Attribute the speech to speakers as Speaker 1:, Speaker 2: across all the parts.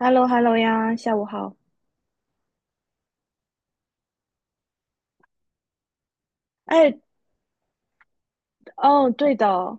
Speaker 1: h e l l o h e l l o 呀，下午好。哎，哦，对的。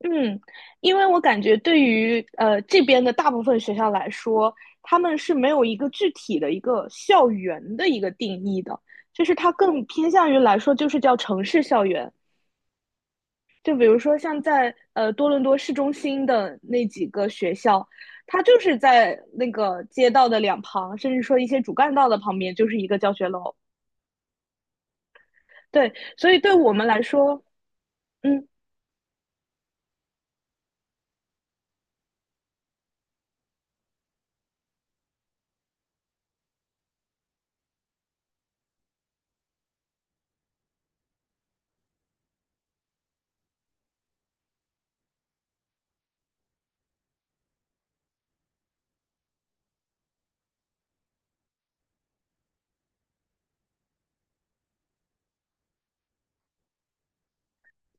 Speaker 1: 嗯，因为我感觉对于这边的大部分学校来说，他们是没有一个具体的一个校园的一个定义的，就是它更偏向于来说就是叫城市校园。就比如说像在多伦多市中心的那几个学校，它就是在那个街道的两旁，甚至说一些主干道的旁边，就是一个教学楼。对，所以对我们来说。嗯。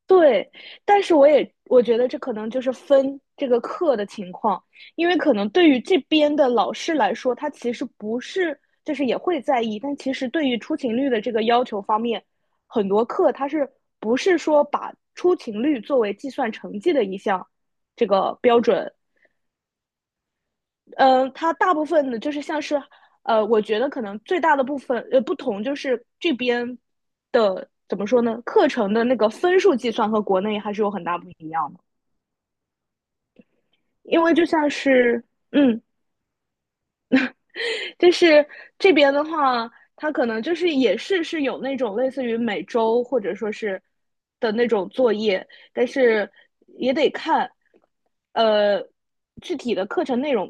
Speaker 1: 对，但是我觉得这可能就是分这个课的情况，因为可能对于这边的老师来说，他其实不是就是也会在意，但其实对于出勤率的这个要求方面，很多课他是不是说把出勤率作为计算成绩的一项这个标准。它大部分的就是像是，我觉得可能最大的部分不同就是这边的怎么说呢，课程的那个分数计算和国内还是有很大不一样的，因为就像是嗯，就是这边的话，它可能就是也是有那种类似于每周或者说是的那种作业，但是也得看，呃，具体的课程内容，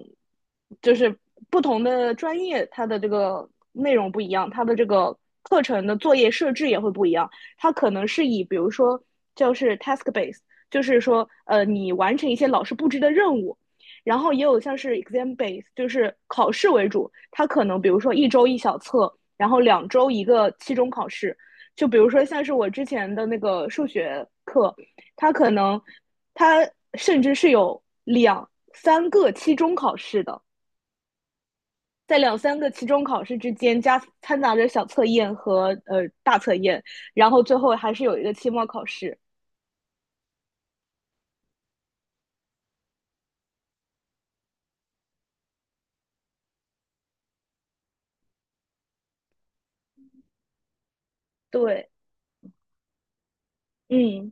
Speaker 1: 就是不同的专业它的这个内容不一样，它的这个课程的作业设置也会不一样。它可能是以比如说就是 task base,就是说你完成一些老师布置的任务，然后也有像是 exam base,就是考试为主，它可能比如说一周一小测，然后两周一个期中考试。就比如说像是我之前的那个数学课，它可能它甚至是有两三个期中考试的，在两三个期中考试之间加掺杂着小测验和大测验，然后最后还是有一个期末考试。对，嗯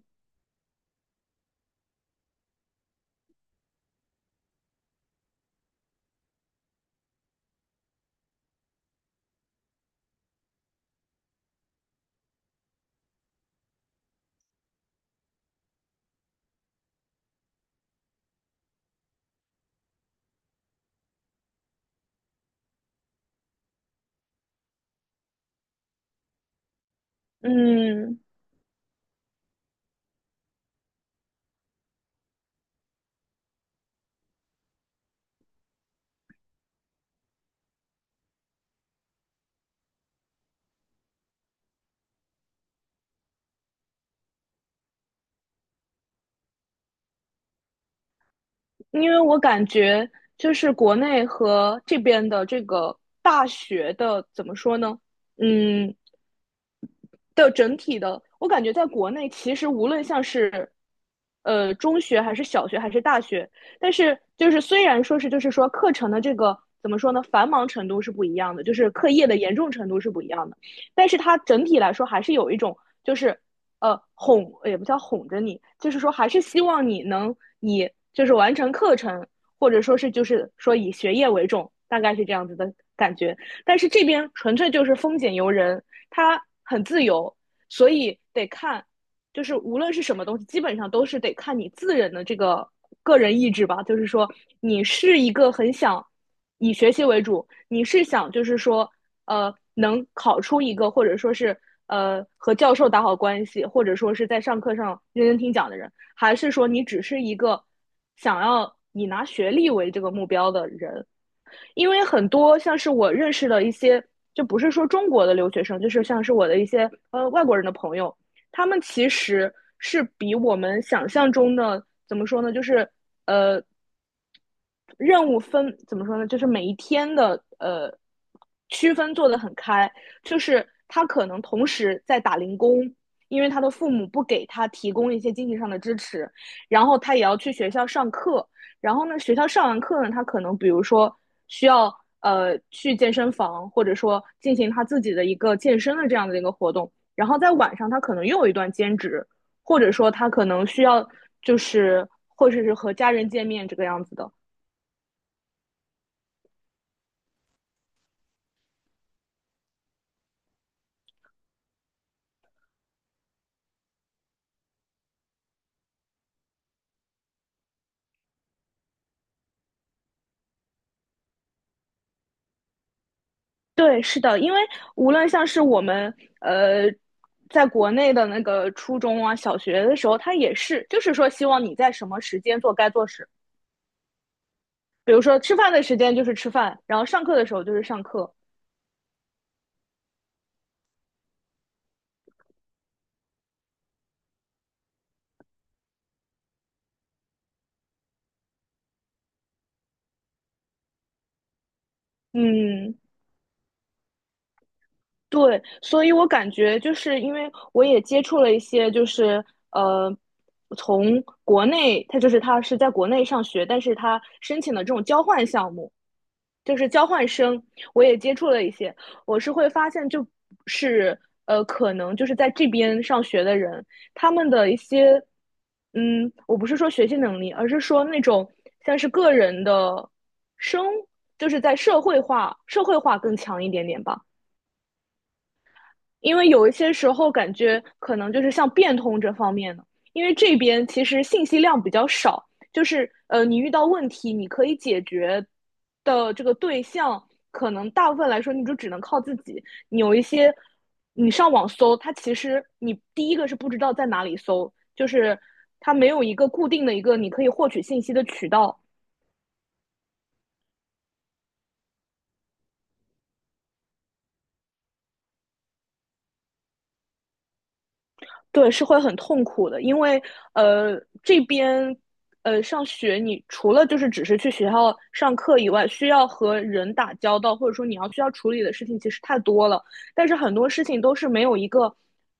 Speaker 1: 嗯。因为我感觉就是国内和这边的这个大学的怎么说呢？嗯，的整体的，我感觉在国内其实无论像是，中学还是小学还是大学，但是就是虽然说是就是说课程的这个怎么说呢，繁忙程度是不一样的，就是课业的严重程度是不一样的，但是它整体来说还是有一种就是哄也不叫哄着你，就是说还是希望你能以就是完成课程，或者说是就是说以学业为重，大概是这样子的感觉。但是这边纯粹就是风俭由人，它很自由，所以得看，就是无论是什么东西，基本上都是得看你自人的这个个人意志吧。就是说，你是一个很想以学习为主，你是想就是说，能考出一个或者说是和教授打好关系，或者说是在上课上认真听讲的人，还是说你只是一个想要以拿学历为这个目标的人？因为很多像是我认识的一些，就不是说中国的留学生，就是像是我的一些外国人的朋友，他们其实是比我们想象中的怎么说呢，就是呃任务分怎么说呢，就是每一天的区分做得很开，就是他可能同时在打零工。因为他的父母不给他提供一些经济上的支持，然后他也要去学校上课，然后呢，学校上完课呢，他可能比如说需要去健身房，或者说进行他自己的一个健身的这样的一个活动。然后在晚上，他可能又有一段兼职，或者说他可能需要就是或者是和家人见面这个样子的。对，是的，因为无论像是我们呃在国内的那个初中啊、小学的时候，他也是就是说希望你在什么时间做该做事，比如说吃饭的时间就是吃饭，然后上课的时候就是上课。嗯，对，所以我感觉就是因为我也接触了一些，就是呃，从国内，他是在国内上学，但是他申请的这种交换项目，就是交换生，我也接触了一些，我是会发现就是可能就是在这边上学的人，他们的一些，我不是说学习能力，而是说那种像是个人的生，就是在社会化，社会化更强一点点吧。因为有一些时候感觉可能就是像变通这方面的，因为这边其实信息量比较少，就是你遇到问题你可以解决的这个对象，可能大部分来说你就只能靠自己。你有一些你上网搜，它其实你第一个是不知道在哪里搜，就是它没有一个固定的一个你可以获取信息的渠道。对，是会很痛苦的，因为这边上学，你除了就是只是去学校上课以外，需要和人打交道，或者说你要需要处理的事情其实太多了。但是很多事情都是没有一个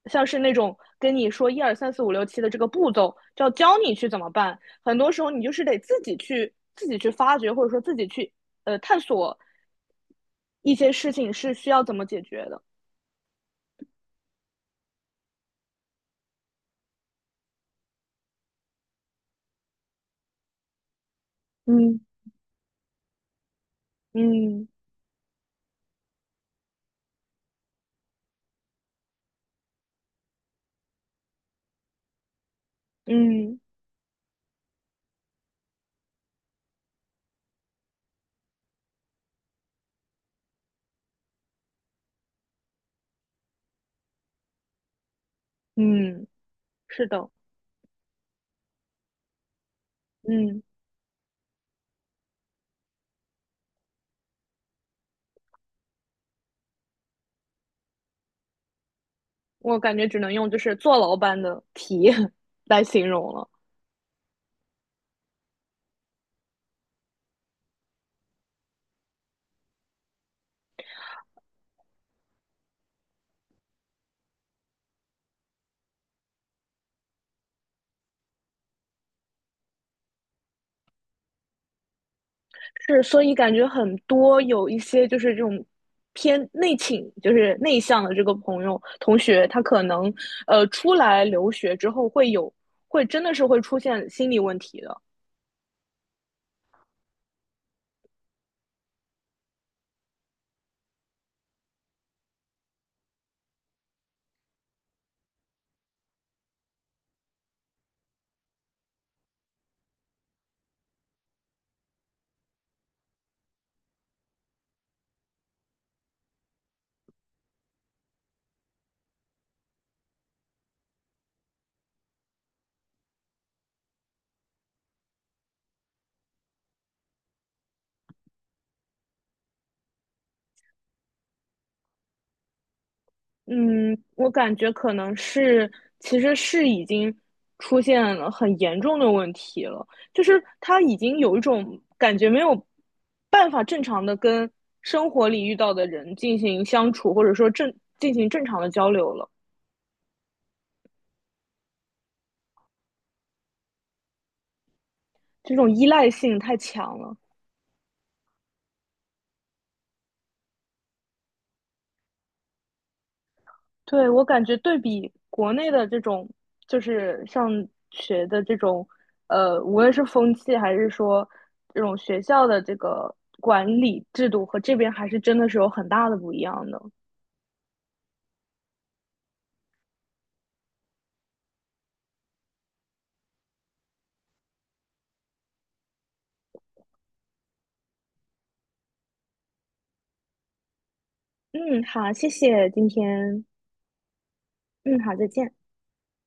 Speaker 1: 像是那种跟你说一二三四五六七的这个步骤，就要教你去怎么办。很多时候你就是得自己去发掘，或者说自己去探索一些事情是需要怎么解决的。嗯嗯嗯嗯，是的，嗯。我感觉只能用就是坐牢般的体验 来形容了。是，所以感觉很多有一些就是这种偏内倾，就是内向的这个朋友同学，他可能出来留学之后会有，会真的是会出现心理问题的。嗯，我感觉可能是，其实是已经出现了很严重的问题了，就是他已经有一种感觉没有办法正常的跟生活里遇到的人进行相处，或者说正进行正常的交流了，这种依赖性太强了。对，我感觉对比国内的这种，就是上学的这种，无论是风气还是说这种学校的这个管理制度和这边还是真的是有很大的不一样的。嗯，好，谢谢今天。嗯，好，再见。